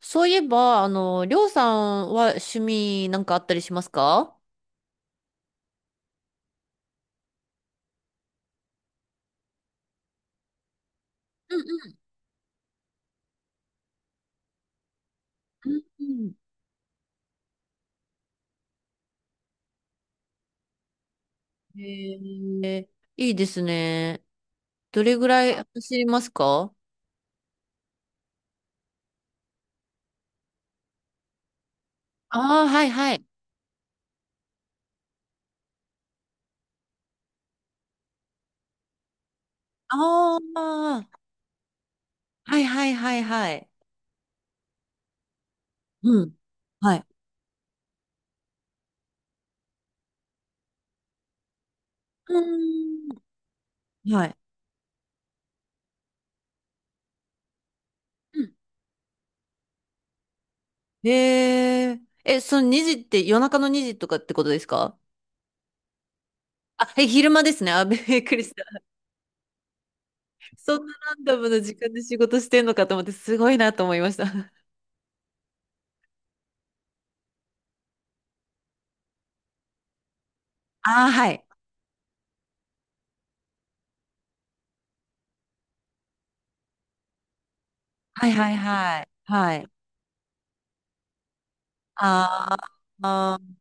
そういえば、りょうさんは趣味なんかあったりしますか？うんうんうんうん。いいですね。どれぐらい走りますか？ああー、はいはい。ああ、はいはいはいはい。うん。はい。うーん。はい。うん。え、その2時って夜中の2時とかってことですか？あ、え、昼間ですね。あ、びっくりした。そんなランダムな時間で仕事してんのかと思って、すごいなと思いました。ああ、はい。はいはいはい。はい。あーあー。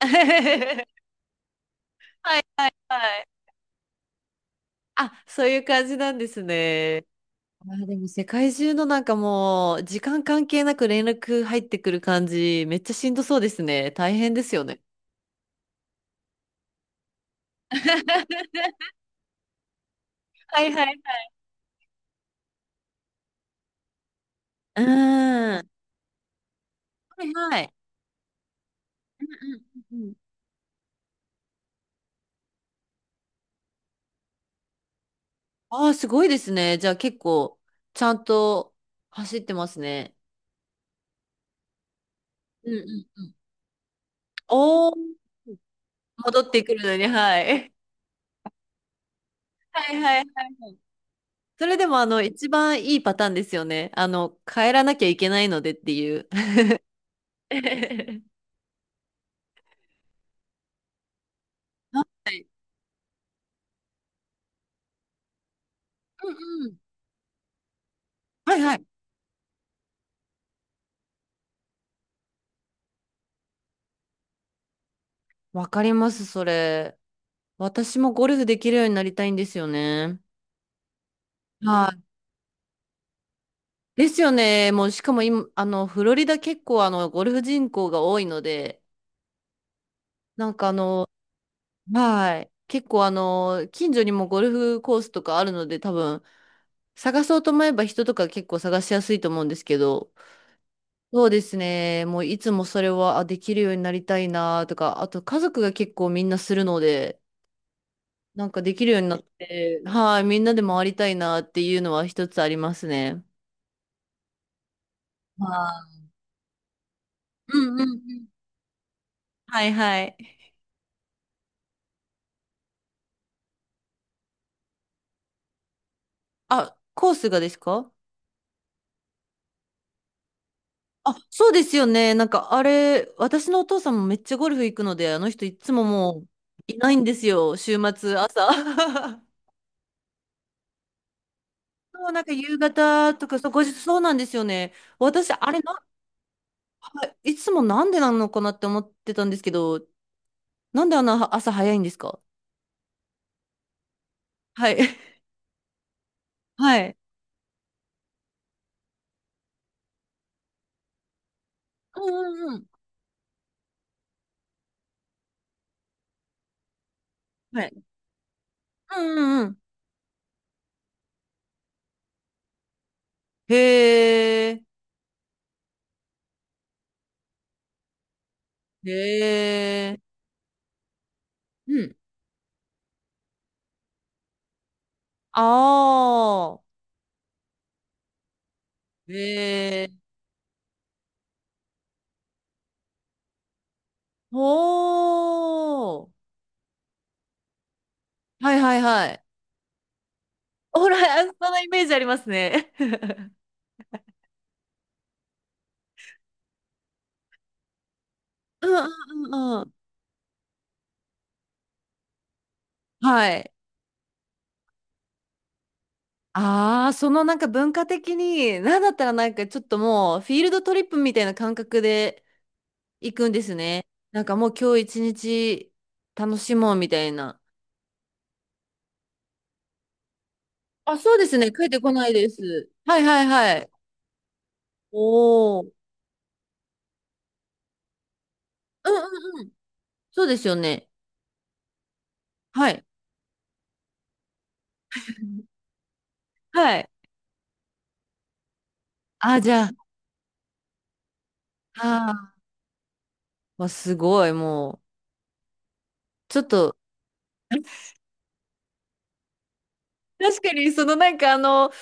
はいはいはい。あ、そういう感じなんですね。あー、でも世界中のなんかもう、時間関係なく連絡入ってくる感じ、めっちゃしんどそうですね。大変ですよね。はいはいはい。うーん。はいはい。うんうんうんうん。ああ、すごいですね。じゃあ結構、ちゃんと走ってますね。うんうん。おー、戻ってくるのに、はい。はいはいはいはい。それでも一番いいパターンですよね。帰らなきゃいけないのでっていう。あ、うんうん。はいはい。わかります、それ。私もゴルフできるようになりたいんですよね。はい。ですよね。もう、しかも今、フロリダ結構、ゴルフ人口が多いので、なんかあの、はい。結構、近所にもゴルフコースとかあるので、多分、探そうと思えば人とか結構探しやすいと思うんですけど、そうですね。もういつもそれは、あ、できるようになりたいなとか、あと家族が結構みんなするので、なんかできるようになって、はい、みんなで回りたいなっていうのは一つありますね。はい。うんうんうん。はいはい。あ、コースがですか？あ、そうですよね。なんかあれ、私のお父さんもめっちゃゴルフ行くので、あの人いつももういないんですよ。週末、朝。そう、なんか夕方とか、そう、後日そうなんですよね。私、あれな、あいつもなんでなのかなって思ってたんですけど、なんであんな朝早いんですか？はい。はい。うんうんうん。はい。うんうんうん。へえ。へえ。うん。ああ。へえ。ほー。はいはいはい。ほら、そのイメージありますね。うんうんうんうん。はい。ああ、そのなんか文化的に、なんだったらなんかちょっともうフィールドトリップみたいな感覚で行くんですね。なんかもう今日一日楽しもうみたいな。あ、そうですね。帰ってこないです。はいはいはい。おお。うんうんうん。そうですよね。はい。はい。あ、じゃあ、ああわすごい、もう、ちょっと、確かに、そのなんか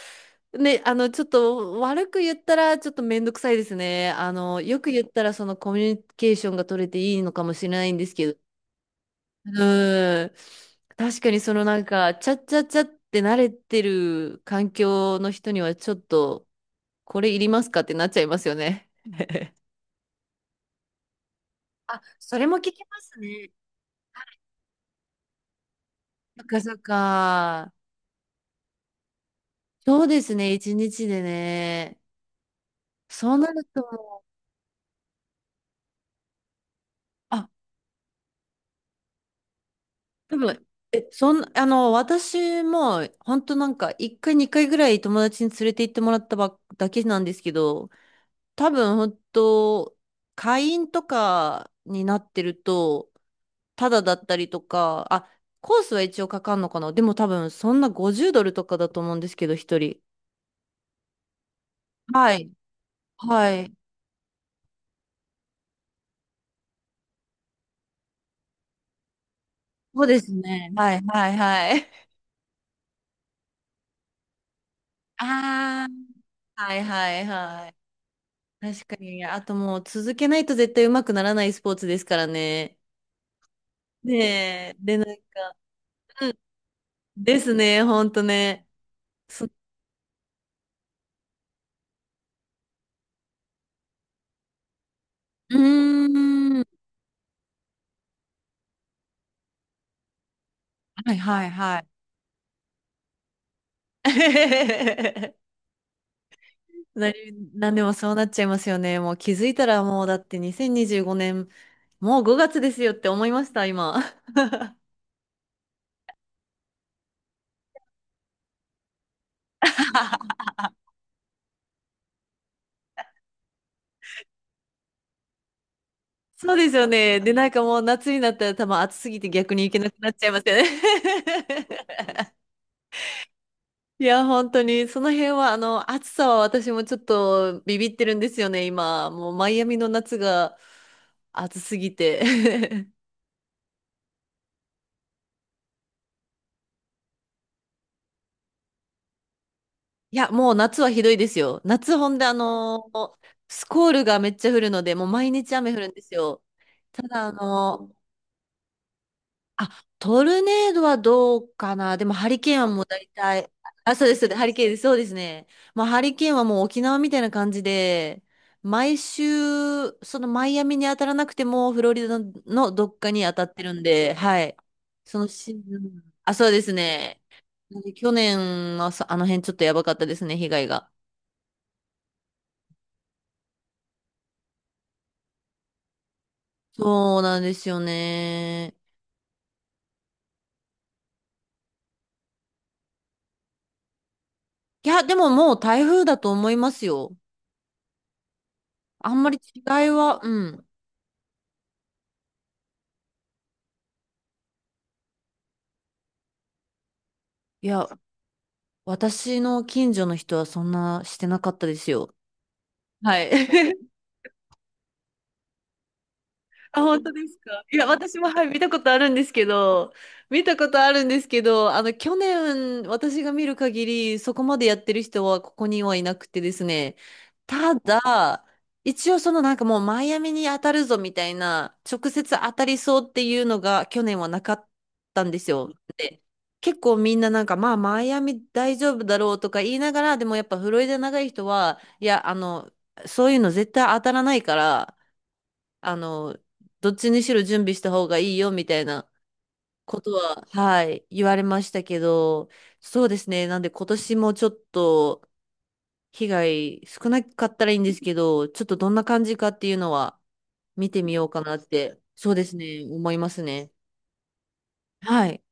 ね、ちょっと悪く言ったらちょっとめんどくさいですね。よく言ったらそのコミュニケーションが取れていいのかもしれないんですけど、うん。確かにそのなんか、ちゃっちゃっちゃって慣れてる環境の人にはちょっと、これいりますかってなっちゃいますよね。あ、それも聞きますね。そっかそっか。そうですね、一日でね。そうなるともう、あ、多分、え、そん、あの、私も、本当なんか、一回、二回ぐらい友達に連れて行ってもらったばっだけなんですけど、多分本当、会員とかになってると、ただだったりとか、あ、コースは一応かかんのかな。でも多分そんな50ドルとかだと思うんですけど、一人。はい。はい。そうですね。はいはいはい。ああ、はいはいはい。確かに、あともう続けないと絶対上手くならないスポーツですからね。ねえ、で、なんか、うん、ですね、ほんとね。うーん、はいはいはい。なんでもそうなっちゃいますよね。もう気づいたらもうだって2025年、もう5月ですよって思いました、今。そうですよね。で、なんかもう夏になったら多分暑すぎて逆に行けなくなっちゃいますよね。いや、本当に、その辺は、暑さは私もちょっとビビってるんですよね、今。もうマイアミの夏が暑すぎて。いや、もう夏はひどいですよ。夏ほんで、スコールがめっちゃ降るので、もう毎日雨降るんですよ。ただ、あ、トルネードはどうかな。でも、ハリケーンはもう大体、あ、そうです、そうです、ハリケーンです、そうですね。まあ、ハリケーンはもう沖縄みたいな感じで、毎週、そのマイアミに当たらなくても、フロリダのどっかに当たってるんで、はい。そのシーズン、あ、そうですね。なんで去年はあの辺ちょっとやばかったですね、被害が。そうなんですよね。いや、でももう台風だと思いますよ。あんまり違いは、うん。いや、私の近所の人はそんなしてなかったですよ。はい。あ、本当ですか。いや、私も、はい、見たことあるんですけど、見たことあるんですけど、去年、私が見る限り、そこまでやってる人はここにはいなくてですね、ただ、一応そのなんかもうマイアミに当たるぞみたいな、直接当たりそうっていうのが去年はなかったんですよ。で、結構みんななんか、まあ、マイアミ大丈夫だろうとか言いながら、でもやっぱフロリダ長い人は、いや、そういうの絶対当たらないから、あの、どっちにしろ準備した方がいいよみたいなことは、はい、言われましたけど、そうですね。なんで今年もちょっと被害少なかったらいいんですけど、ちょっとどんな感じかっていうのは見てみようかなって、そうですね、思いますね。はい。